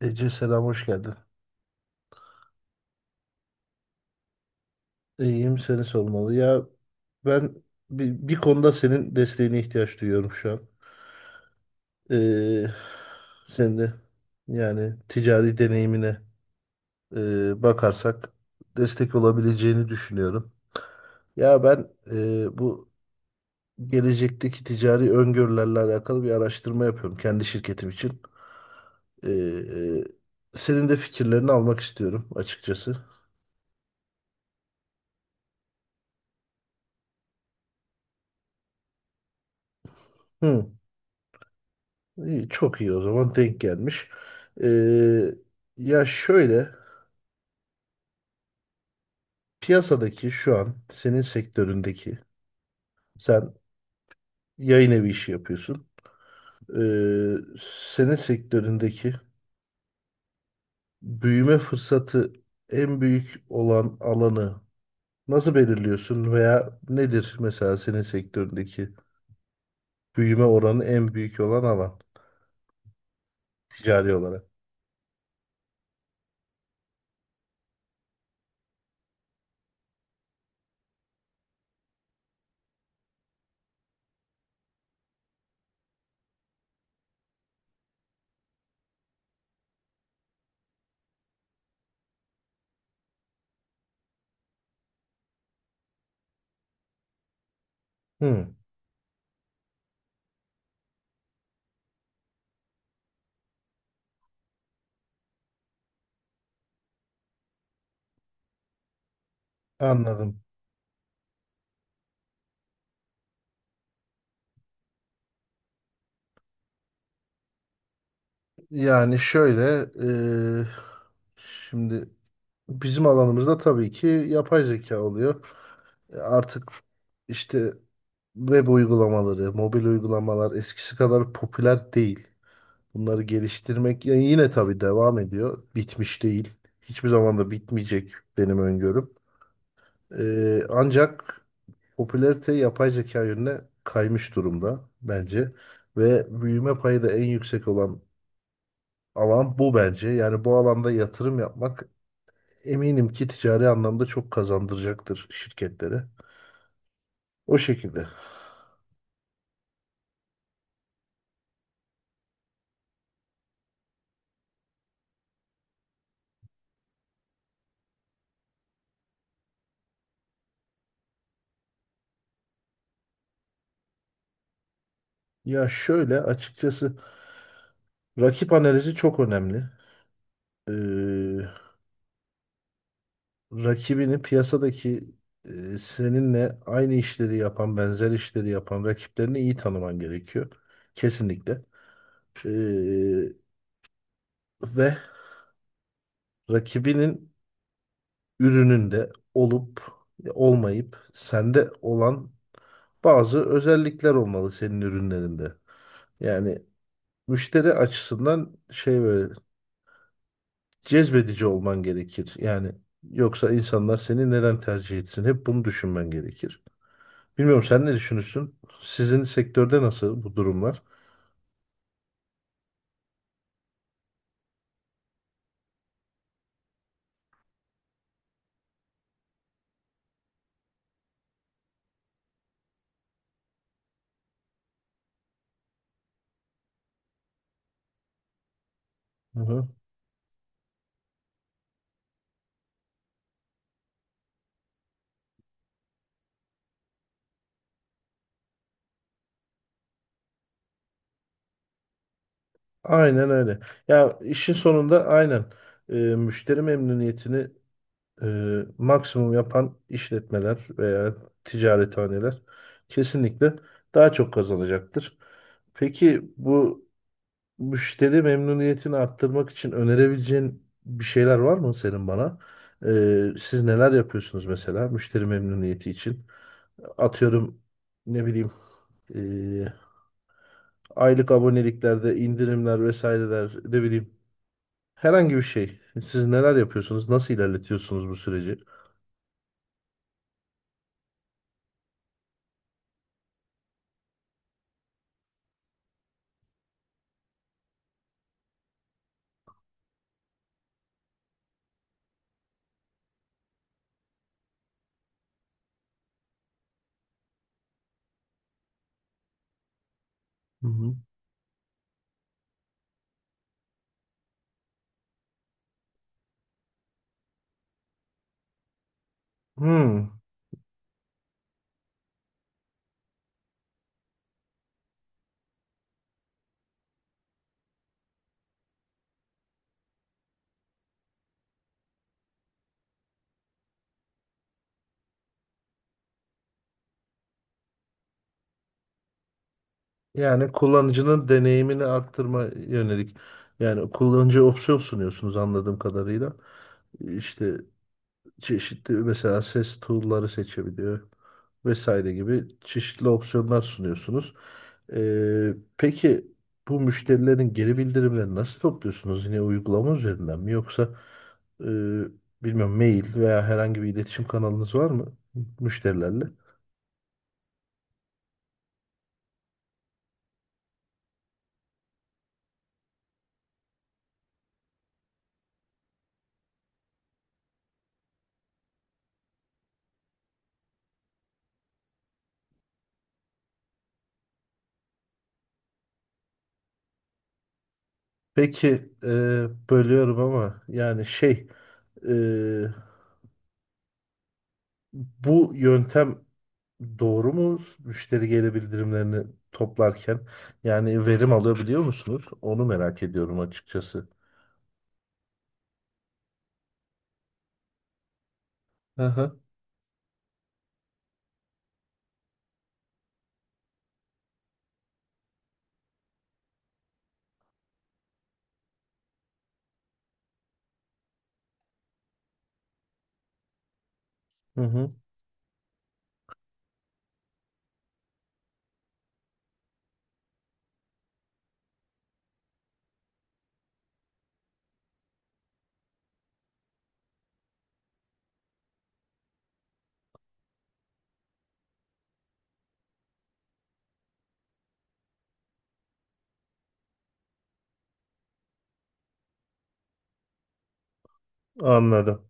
Ece selam hoş geldin. İyiyim seni sormalı. Ya ben bir konuda senin desteğine ihtiyaç duyuyorum şu an. Ee, Senin de yani ticari deneyimine bakarsak destek olabileceğini düşünüyorum. Ya ben bu gelecekteki ticari öngörülerle alakalı bir araştırma yapıyorum kendi şirketim için. Ee, Senin de fikirlerini almak istiyorum açıkçası. Hı. İyi, çok iyi o zaman denk gelmiş. Ee, Ya şöyle piyasadaki şu an senin sektöründeki sen yayın evi işi yapıyorsun. Ee, Senin sektöründeki büyüme fırsatı en büyük olan alanı nasıl belirliyorsun veya nedir mesela senin sektöründeki büyüme oranı en büyük olan alan ticari olarak? Hı, anladım. Yani şöyle ee, şimdi bizim alanımızda tabii ki yapay zeka oluyor. Artık işte web uygulamaları, mobil uygulamalar eskisi kadar popüler değil. Bunları geliştirmek yani yine tabii devam ediyor. Bitmiş değil. Hiçbir zaman da bitmeyecek benim öngörüm. Ancak popülarite yapay zeka yönüne kaymış durumda bence. Ve büyüme payı da en yüksek olan alan bu bence. Yani bu alanda yatırım yapmak, eminim ki ticari anlamda çok kazandıracaktır şirketlere. O şekilde. Ya şöyle açıkçası rakip analizi çok önemli. Ee, Rakibini piyasadaki, seninle aynı işleri yapan, benzer işleri yapan rakiplerini iyi tanıman gerekiyor. Kesinlikle. Ee, Ve rakibinin ürününde olup olmayıp sende olan bazı özellikler olmalı senin ürünlerinde. Yani müşteri açısından şey böyle cezbedici olman gerekir. Yani yoksa insanlar seni neden tercih etsin? Hep bunu düşünmen gerekir. Bilmiyorum sen ne düşünürsün? Sizin sektörde nasıl bu durumlar? Hı hı. Aynen öyle. Ya işin sonunda aynen müşteri memnuniyetini e, maksimum yapan işletmeler veya ticarethaneler kesinlikle daha çok kazanacaktır. Peki bu müşteri memnuniyetini arttırmak için önerebileceğin bir şeyler var mı senin bana? Siz neler yapıyorsunuz mesela müşteri memnuniyeti için? Atıyorum ne bileyim, ee, aylık aboneliklerde indirimler vesaireler, ne bileyim, herhangi bir şey. Siz neler yapıyorsunuz? Nasıl ilerletiyorsunuz bu süreci? Hı hı. Hmm. Yani kullanıcının deneyimini arttırma yönelik. Yani kullanıcıya opsiyon sunuyorsunuz anladığım kadarıyla. İşte çeşitli mesela ses tool'ları seçebiliyor vesaire gibi çeşitli opsiyonlar sunuyorsunuz. Peki bu müşterilerin geri bildirimlerini nasıl topluyorsunuz? Yine uygulama üzerinden mi yoksa e, bilmiyorum mail veya herhangi bir iletişim kanalınız var mı müşterilerle? Peki bölüyorum ama yani şey, e, bu yöntem doğru mu? Müşteri geri bildirimlerini toplarken yani verim alabiliyor musunuz? Onu merak ediyorum açıkçası. Hı hı. Hı hı. Anladım.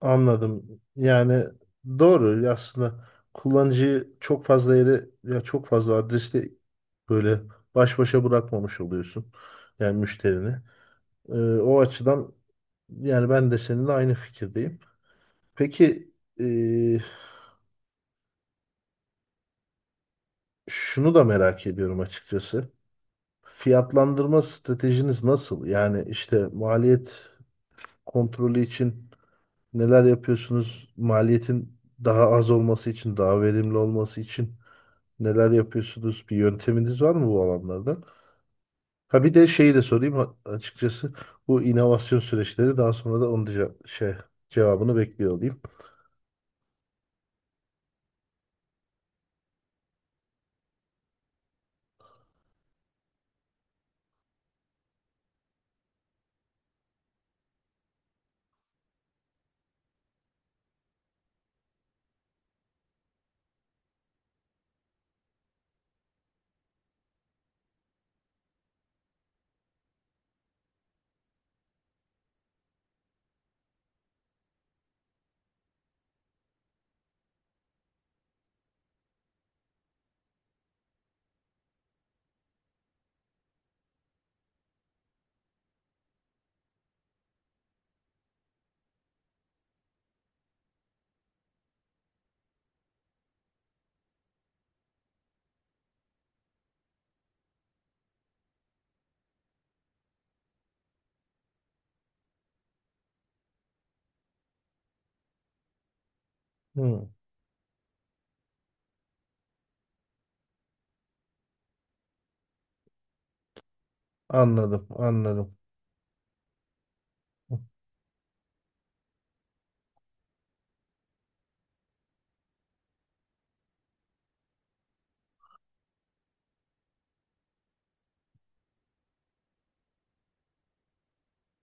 Anladım. Yani doğru aslında, kullanıcıyı çok fazla yere ya çok fazla adreste böyle baş başa bırakmamış oluyorsun. Yani müşterini. Ee, O açıdan yani ben de seninle aynı fikirdeyim. Peki e, şunu da merak ediyorum açıkçası. Fiyatlandırma stratejiniz nasıl? Yani işte maliyet kontrolü için neler yapıyorsunuz? Maliyetin daha az olması için, daha verimli olması için neler yapıyorsunuz? Bir yönteminiz var mı bu alanlarda? Ha bir de şeyi de sorayım açıkçası, bu inovasyon süreçleri daha sonra da onun da şey cevabını bekliyor olayım. Hmm, anladım, anladım.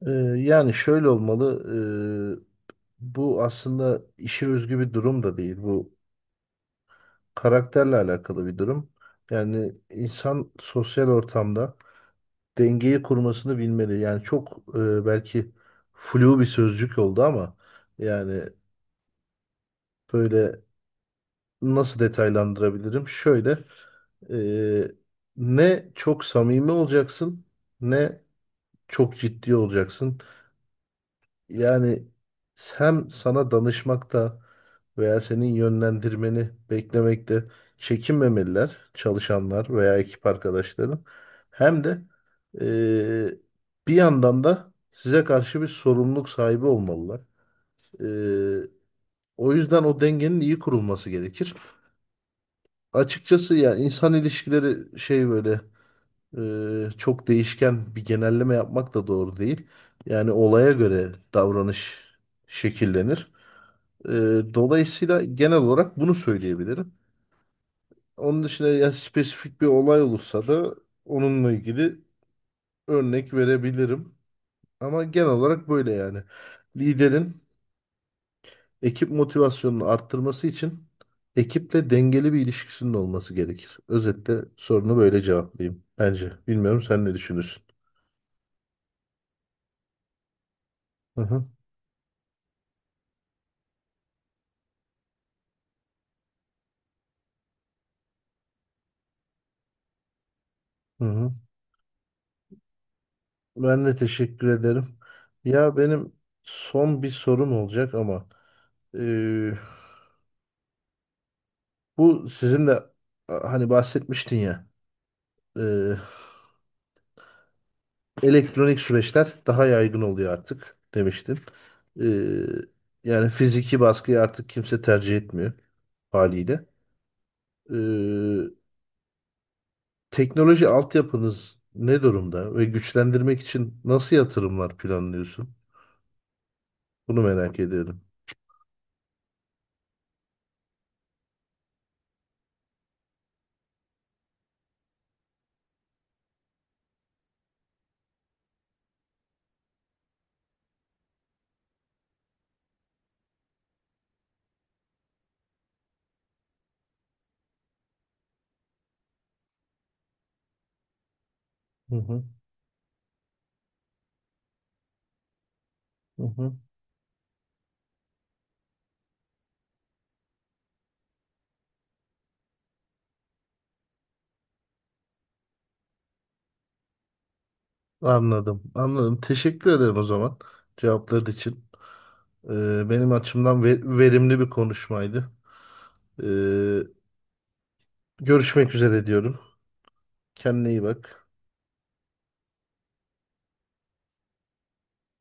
Ee, Yani şöyle olmalı. e, Bu aslında işe özgü bir durum da değil. Bu karakterle alakalı bir durum. Yani insan sosyal ortamda dengeyi kurmasını bilmeli. Yani çok belki flu bir sözcük oldu ama yani böyle, nasıl detaylandırabilirim? Şöyle e, ne çok samimi olacaksın ne çok ciddi olacaksın. Yani hem sana danışmakta veya senin yönlendirmeni beklemekte çekinmemeliler çalışanlar veya ekip arkadaşların. Hem de eee, bir yandan da size karşı bir sorumluluk sahibi olmalılar. Eee, O yüzden o dengenin iyi kurulması gerekir. Açıkçası ya insan ilişkileri şey böyle, çok değişken, bir genelleme yapmak da doğru değil. Yani olaya göre davranış şekillenir. Dolayısıyla genel olarak bunu söyleyebilirim. Onun dışında ya spesifik bir olay olursa da onunla ilgili örnek verebilirim. Ama genel olarak böyle yani. Liderin ekip motivasyonunu arttırması için ekiple dengeli bir ilişkisinin olması gerekir. Özetle sorunu böyle cevaplayayım bence. Bilmiyorum sen ne düşünürsün? Hı hı, hı hı. Ben de teşekkür ederim. Ya benim son bir sorum olacak ama eee, bu sizin de hani bahsetmiştin ya, e, elektronik süreçler daha yaygın oluyor artık demiştin. E, Yani fiziki baskıyı artık kimse tercih etmiyor haliyle. E, Teknoloji altyapınız ne durumda ve güçlendirmek için nasıl yatırımlar planlıyorsun? Bunu merak ediyorum. Hı hı, hı hı. Anladım, anladım. Teşekkür ederim o zaman cevapların için. Benim açımdan verimli bir konuşmaydı. E, Görüşmek üzere diyorum. Kendine iyi bak.